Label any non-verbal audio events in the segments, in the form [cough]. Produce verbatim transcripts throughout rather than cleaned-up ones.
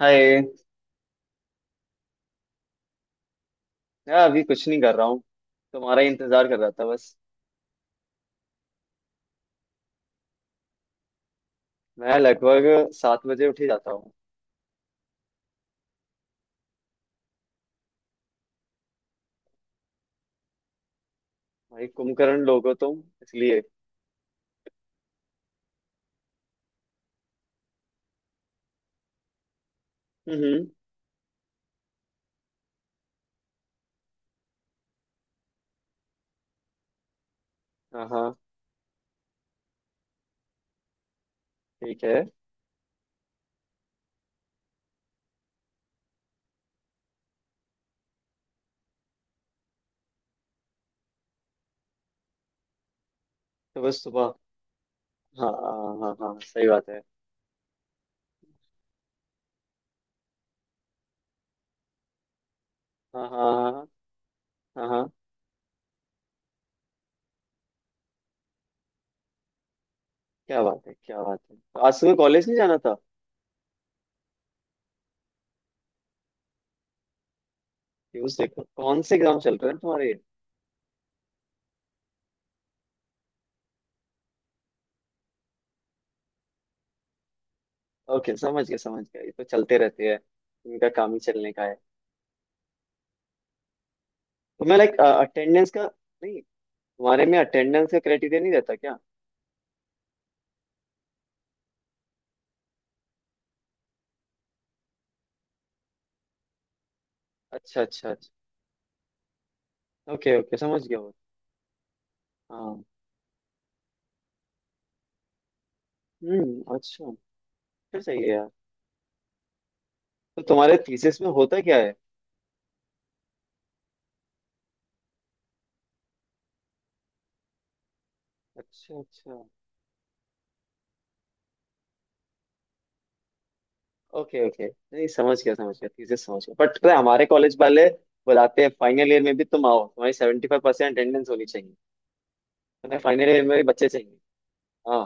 हाय। यार अभी कुछ नहीं कर रहा हूँ। तुम्हारा ही इंतजार कर रहा था बस। मैं लगभग सात बजे उठ ही जाता हूँ। भाई कुंभकर्ण लोग हो तुम इसलिए। हम्म। हाँ हाँ ठीक है। तो बस सुबह। हाँ हाँ हाँ। हाँ सही बात है। हाँ हाँ हाँ। हाँ हाँ हाँ, क्या बात है क्या बात है? तो आज सुबह कॉलेज नहीं जाना था? न्यूज देखो, कौन से एग्जाम चल रहे हैं तुम्हारे। ओके समझ गया समझ गया, ये तो चलते रहते हैं। इनका काम ही चलने का है। तो मैं लाइक अटेंडेंस का नहीं, तुम्हारे में अटेंडेंस का क्राइटेरिया नहीं रहता क्या? अच्छा अच्छा अच्छा। ओके ओके समझ गया वो। हाँ। हम्म, अच्छा। फिर सही है यार। तो तुम्हारे थीसिस में होता क्या है? अच्छा अच्छा। ओके ओके, नहीं समझ गया समझ गया, थीसिस समझ गया। बट पता है, हमारे कॉलेज वाले बुलाते हैं फाइनल ईयर में भी। तुम आओ, तुम्हारी सेवेंटी फाइव परसेंट अटेंडेंस होनी चाहिए। तुम्हें फाइनल ईयर में भी बच्चे चाहिए। हाँ।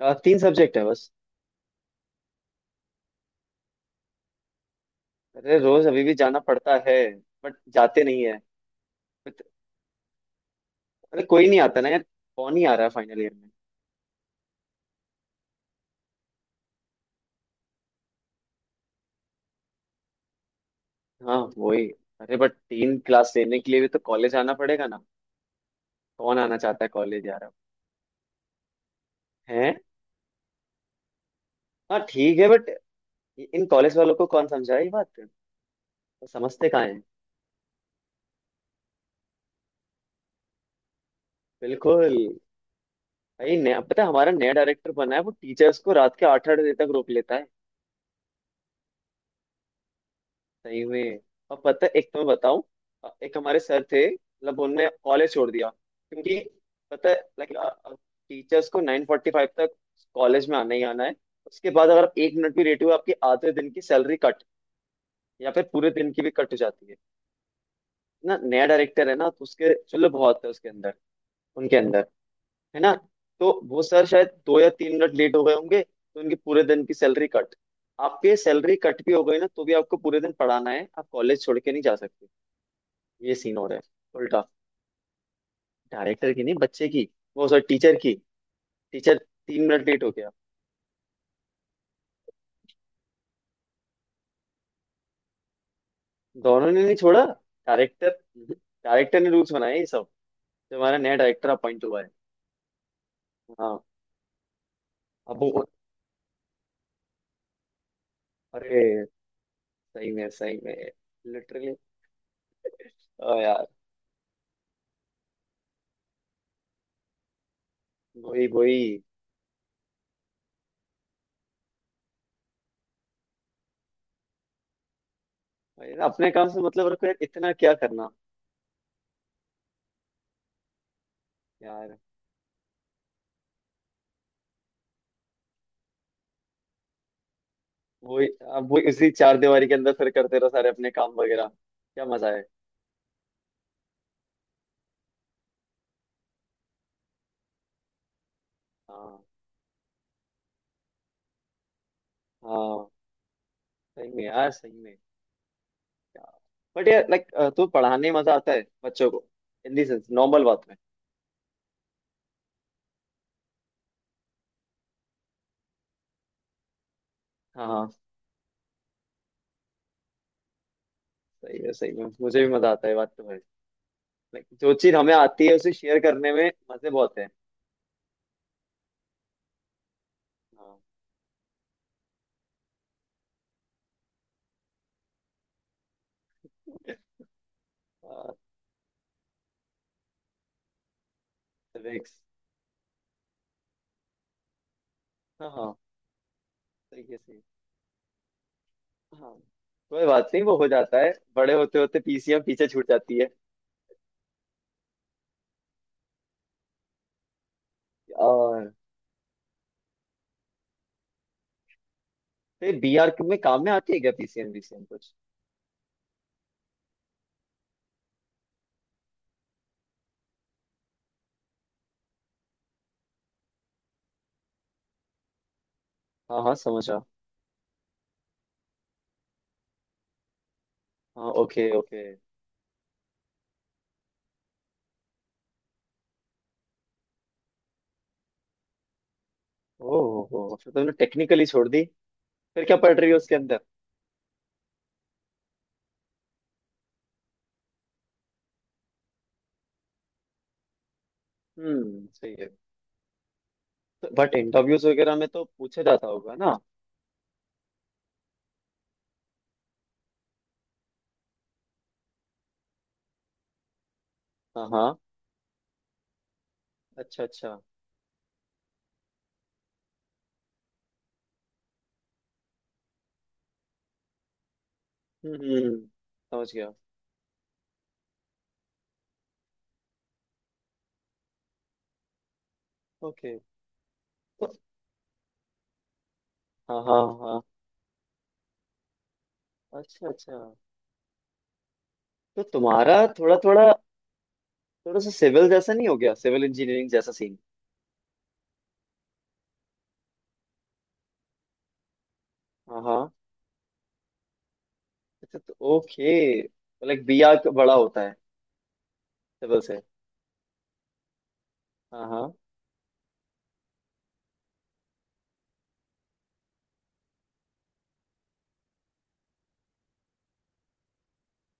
अ, तीन सब्जेक्ट है बस। अरे रोज अभी भी जाना पड़ता है, बट जाते नहीं है। बट- अरे कोई नहीं आता ना यार। कौन ही आ रहा है फाइनल ईयर में। हाँ वही। अरे बट तीन क्लास लेने के लिए भी तो कॉलेज आना पड़ेगा ना। कौन आना चाहता है कॉलेज यार अब। है। हाँ ठीक है, बट इन कॉलेज वालों को कौन समझाए ये बात? वो समझते कहाँ है। बिल्कुल। भाई नया पता है, हमारा नया डायरेक्टर बना है, वो टीचर्स को रात के आठ आठ बजे तक रोक लेता है। सही में। और पता है, एक तो मैं बताऊं, एक हमारे सर थे, मतलब उनने कॉलेज छोड़ दिया क्योंकि पता है लाइक टीचर्स को नाइन फोर्टी फाइव तक कॉलेज में आना ही आना है। उसके बाद अगर आप एक मिनट भी लेट हुए, आपकी आधे दिन की सैलरी कट, या फिर पूरे दिन की भी कट हो जाती है। ना नया डायरेक्टर है ना, तो उसके, चलो बहुत है उसके अंदर, उनके अंदर, है ना। तो वो सर शायद दो या तीन मिनट लेट हो गए होंगे, तो उनके पूरे दिन की सैलरी कट। आपके सैलरी कट भी हो गई ना, तो भी आपको पूरे दिन पढ़ाना है, आप कॉलेज छोड़ के नहीं जा सकते। ये सीन हो रहा है। उल्टा। डायरेक्टर की नहीं, बच्चे की, वो सर टीचर की, टीचर। तीन मिनट लेट हो गया। दोनों ने नहीं छोड़ा। डायरेक्टर। डायरेक्टर ने रूल्स बनाए ये सब। जो हमारा नया डायरेक्टर अपॉइंट हुआ है। हाँ। अब वो, अरे, सही में सही में। लिटरली। वही वही। वही ना, अपने काम से मतलब रखो यार, इतना क्या करना। यार। वही। अब वही उसी चार दीवारी के अंदर फिर करते रहो सारे अपने काम वगैरह, क्या मजा है। हाँ हाँ। सही में यार सही में। यार। बट यार लाइक, तो पढ़ाने में मजा आता है बच्चों को, इन दी सेंस नॉर्मल बात में। हाँ हाँ। सही है, सही में मुझे भी मजा आता है, बात तो है। लाइक जो चीज हमें आती है, उसे शेयर करने में मजे बहुत है। हाँ। [laughs] हाँ। तो next। हाँ हाँ। सही है सही है। हाँ। कोई बात नहीं, वो हो जाता है, बड़े होते होते पीसीएम पीछे छूट जाती है। और फिर बीआर में काम में आती है क्या पीसीएम? पीसीएम कुछ। हाँ हाँ समझा। हाँ ओके ओके। ओहो फिर तुमने टेक्निकली छोड़ दी। फिर क्या पढ़ रही हो उसके अंदर? हम्म सही है। तो, बट इंटरव्यूज वगैरह में तो पूछा जाता होगा ना। हाँ हाँ। अच्छा अच्छा। हम्म हम्म, हम्म, समझ गया। ओके। तो हाँ हाँ हाँ। अच्छा अच्छा। तो तुम्हारा थोड़ा थोड़ा, थोड़ा सा सिविल जैसा नहीं हो गया, सिविल इंजीनियरिंग जैसा सीन। हाँ हाँ। अच्छा तो ओके। लाइक बिया क- बड़ा होता है टेबल से। हाँ हाँ।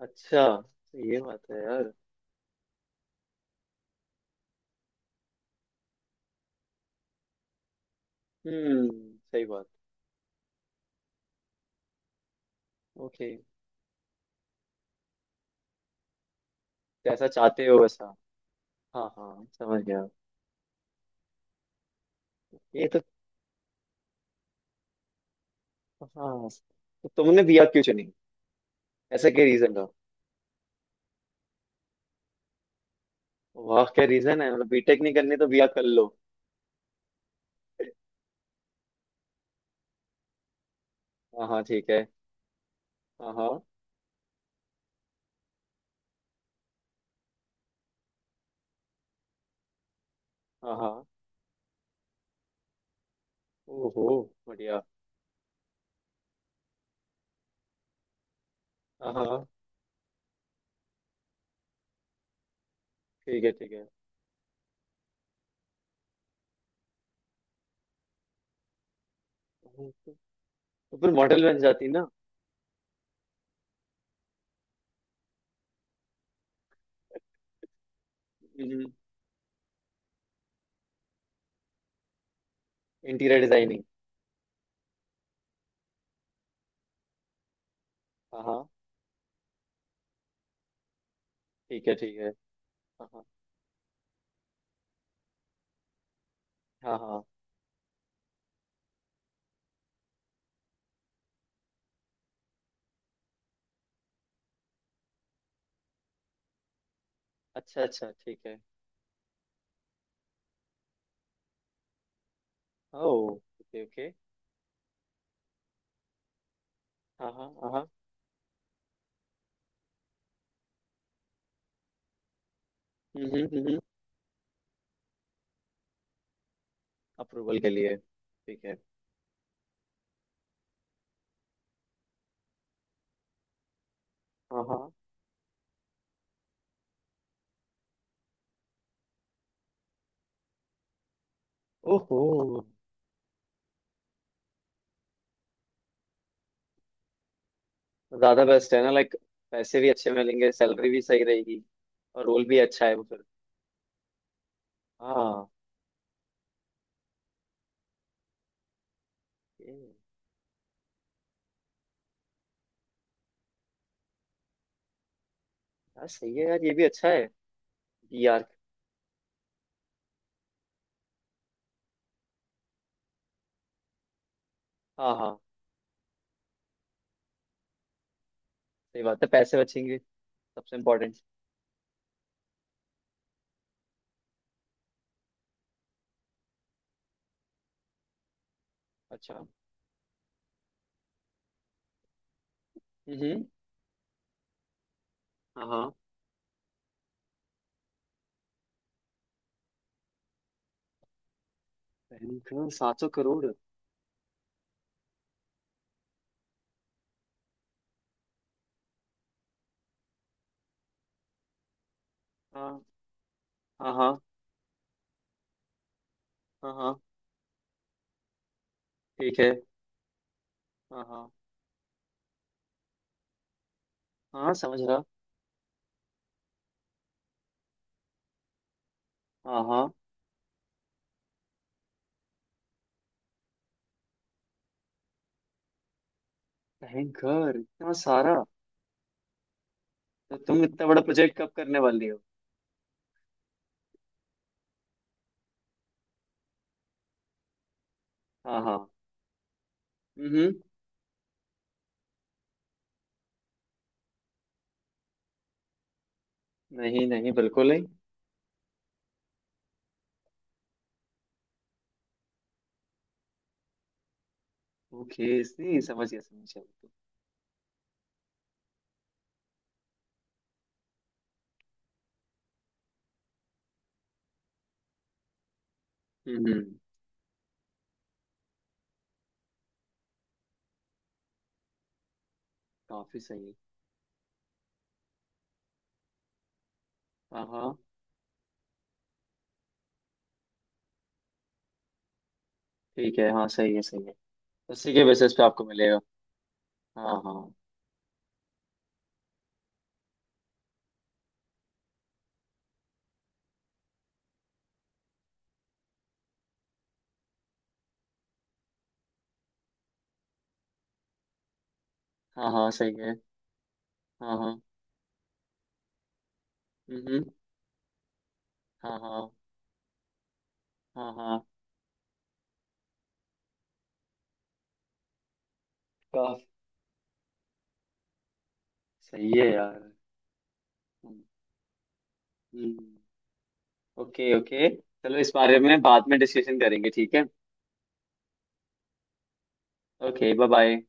अच्छा तो ये बात है यार। हम्म सही बात। ओके। जैसा चाहते हो वैसा। हाँ हाँ समझ गया। ये तो। हाँ। तो तुमने बिया क्यों चुनी? ऐसा क्या रीजन था? वाह क्या रीजन है, मतलब बीटेक नहीं करनी तो बिया कर लो। हाँ हाँ ठीक है। हाँ हाँ हाँ हाँ। ओहो। बढ़िया। हाँ हाँ। ठीक है ठीक है। हम्म, तो, तो फिर मॉडल बन जाती ना? Interior designing. हाँ हाँ ठीक है ठीक है। हाँ हाँ हाँ। अच्छा अच्छा ठीक है। ओ। Okay okay. हाँ हाँ हाँ हाँ, हम्म हम्म। अप्रूवल के लिए ठीक है। हाँ हाँ। ओहो। ज्यादा बेस्ट है ना लाइक, पैसे भी अच्छे मिलेंगे, सैलरी भी सही रहेगी, और रोल भी अच्छा है वो फिर। हाँ। ये। यार सही है यार, ये भी अच्छा है। यार। हाँ हाँ सही बात है, पैसे बचेंगे सबसे इम्पोर्टेंट। अच्छा। हम्म। हाँ हाँ। बैंक। सात सौ करोड़। हाँ हाँ हाँ हाँ हाँ। ठीक है। हाँ हाँ हाँ समझ रहा। हाँ हाँ। भयंकर इतना सारा। तो तुम इतना बड़ा प्रोजेक्ट कब करने वाली हो? हाँ हाँ। हम्म। नहीं नहीं बिल्कुल नहीं। ओके, नहीं समझ गया समझ गया बिल्कुल। हम्म हम्म, काफी सही है। हाँ हाँ ठीक है। हाँ सही है सही है। उसी के बेसिस पे आपको मिलेगा। हाँ हाँ। हाँ हाँ। सही है। हाँ हाँ। हम्म हम्म, हाँ हाँ। हाँ हाँ। काफी सही है यार। हम्म हम्म, ओके ओके। चलो इस बारे में बाद में डिस्कशन करेंगे, ठीक है। Okay bye bye.